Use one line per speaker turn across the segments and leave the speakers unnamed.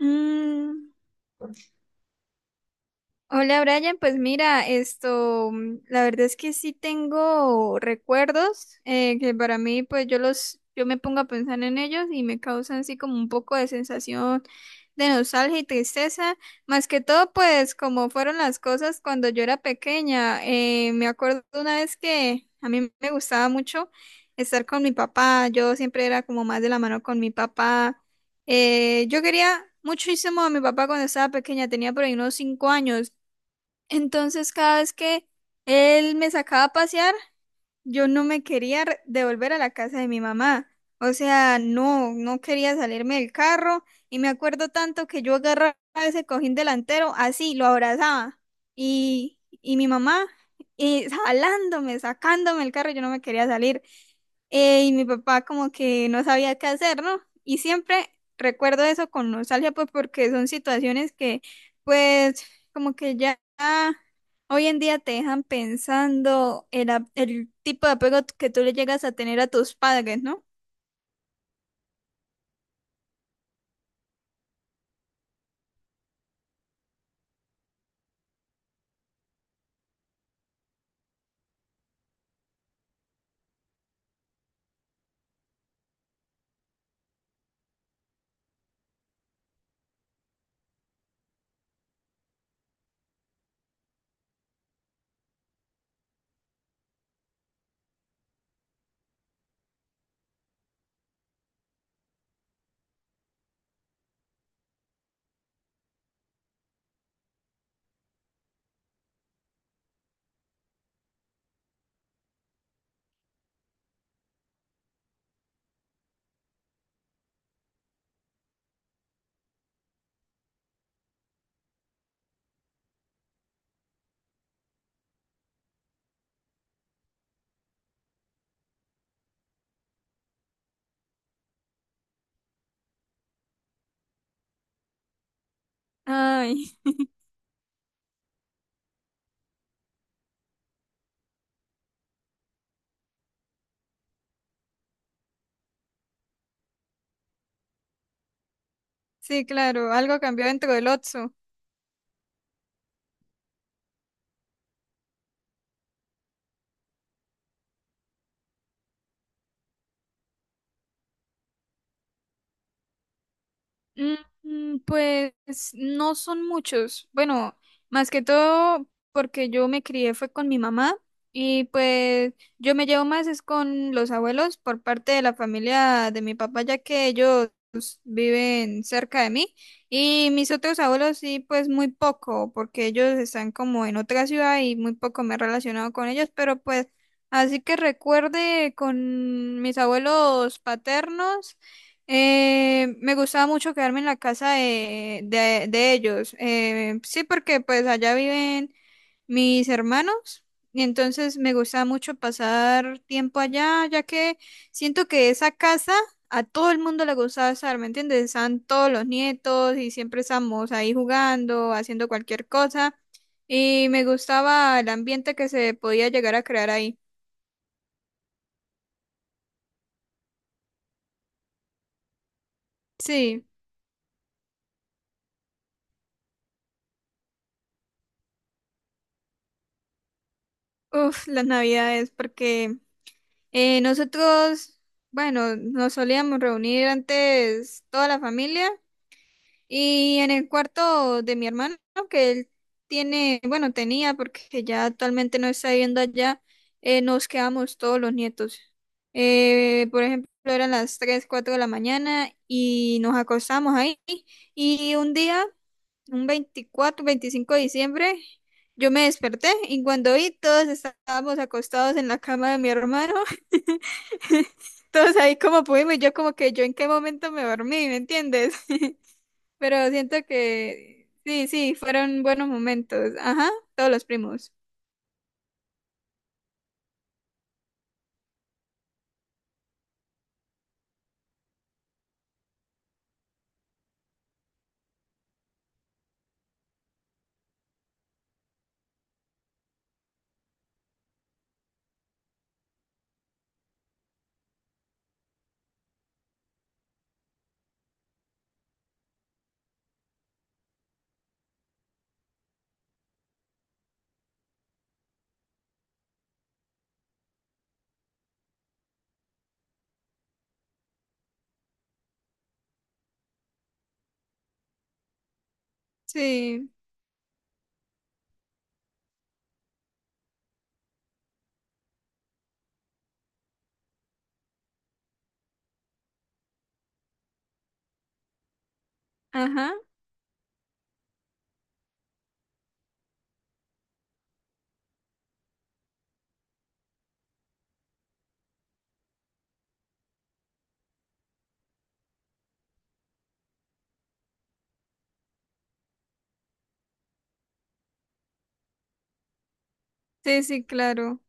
Mm, Hola Brian, pues mira, la verdad es que sí tengo recuerdos que para mí, pues yo me pongo a pensar en ellos y me causan así como un poco de sensación de nostalgia y tristeza. Más que todo, pues como fueron las cosas cuando yo era pequeña. Me acuerdo una vez que a mí me gustaba mucho estar con mi papá. Yo siempre era como más de la mano con mi papá. Yo quería muchísimo a mi papá cuando estaba pequeña, tenía por ahí unos 5 años. Entonces, cada vez que él me sacaba a pasear, yo no me quería devolver a la casa de mi mamá. O sea, no quería salirme del carro. Y me acuerdo tanto que yo agarraba ese cojín delantero, así, lo abrazaba. Y mi mamá, y jalándome, sacándome el carro, yo no me quería salir. Y mi papá como que no sabía qué hacer, ¿no? Y siempre recuerdo eso con nostalgia, pues porque son situaciones que, pues, como que ya... Hoy en día te dejan pensando el tipo de apego que tú le llegas a tener a tus padres, ¿no? Ay, sí, claro, algo cambió dentro del Otso. Pues no son muchos. Bueno, más que todo porque yo me crié fue con mi mamá y pues yo me llevo más es con los abuelos por parte de la familia de mi papá, ya que ellos viven cerca de mí y mis otros abuelos sí, pues muy poco, porque ellos están como en otra ciudad y muy poco me he relacionado con ellos, pero pues así que recuerde con mis abuelos paternos. Me gustaba mucho quedarme en la casa de, de ellos. Sí, porque pues allá viven mis hermanos y entonces me gustaba mucho pasar tiempo allá, ya que siento que esa casa a todo el mundo le gustaba estar, ¿me entiendes? Estaban todos los nietos y siempre estábamos ahí jugando, haciendo cualquier cosa y me gustaba el ambiente que se podía llegar a crear ahí. Sí, uff, las navidades, porque... Eh, nosotros, bueno, nos solíamos reunir antes toda la familia y en el cuarto de mi hermano, que él tiene, bueno, tenía, porque ya actualmente no está viviendo allá, nos quedamos todos los nietos. Por ejemplo, eran las 3 4 de la mañana y nos acostamos ahí y un día un 24 25 de diciembre, yo me desperté y cuando vi, todos estábamos acostados en la cama de mi hermano. Todos ahí como pudimos, y yo como que yo en qué momento me dormí, ¿me entiendes? Pero siento que sí, fueron buenos momentos. Ajá, todos los primos. Sí, ajá. Sí, sí, claro.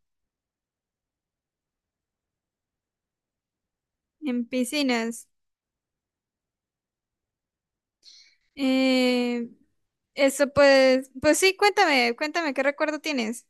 En piscinas. Eh, Eso pues, pues sí, cuéntame, ¿qué recuerdo tienes?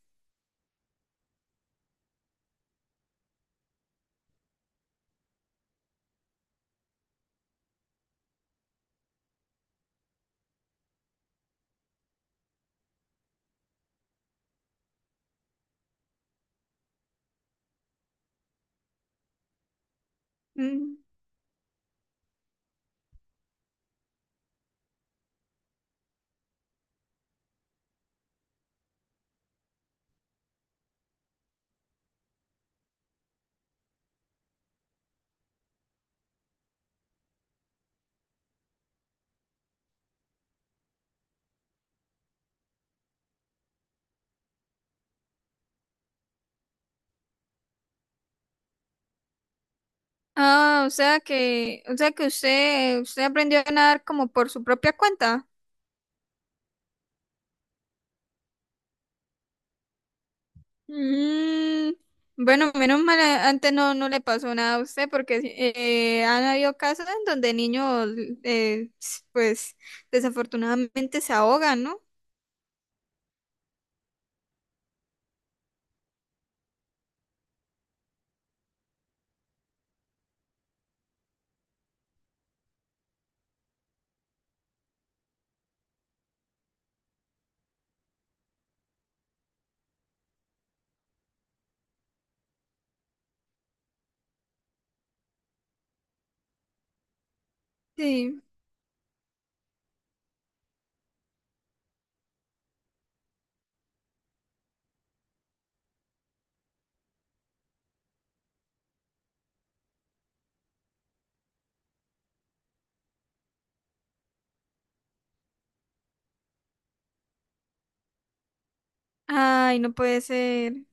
Mm. Ah, o sea que usted aprendió a nadar como por su propia cuenta. Mm, bueno, menos mal, antes no le pasó nada a usted, porque sí, han habido casos en donde niños, eh, pues, desafortunadamente se ahogan, ¿no? Sí. Ay, no puede ser.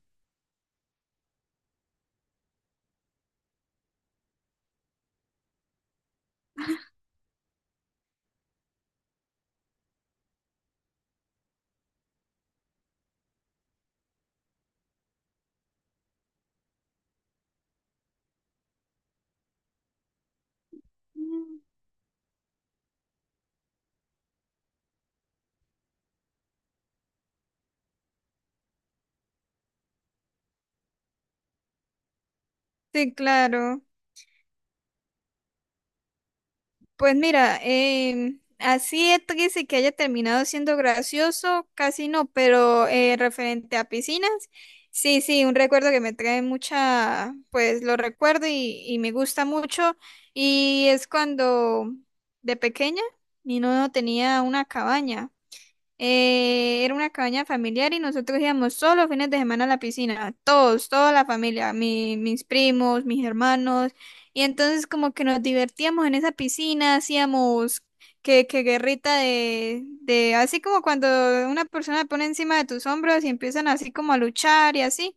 Mm, Sí, claro. Pues mira, así es triste que haya terminado siendo gracioso, casi no, pero referente a piscinas, sí, sí, un recuerdo que me trae mucha, pues lo recuerdo y me gusta mucho, y es cuando de pequeña mi no tenía una cabaña. Era una cabaña familiar y nosotros íbamos solo los fines de semana a la piscina, todos, toda la familia, mis primos, mis hermanos, y entonces como que nos divertíamos en esa piscina, hacíamos que guerrita de, así como cuando una persona te pone encima de tus hombros y empiezan así como a luchar y así,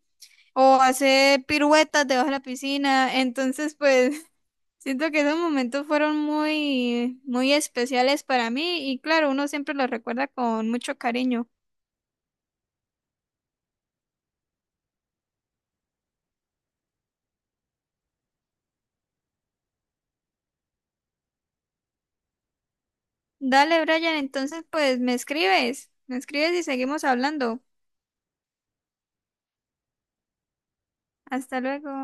o hacer piruetas debajo de la piscina, entonces pues siento que esos momentos fueron muy, muy especiales para mí y claro, uno siempre los recuerda con mucho cariño. Dale, Brian, entonces pues me escribes y seguimos hablando. Hasta luego.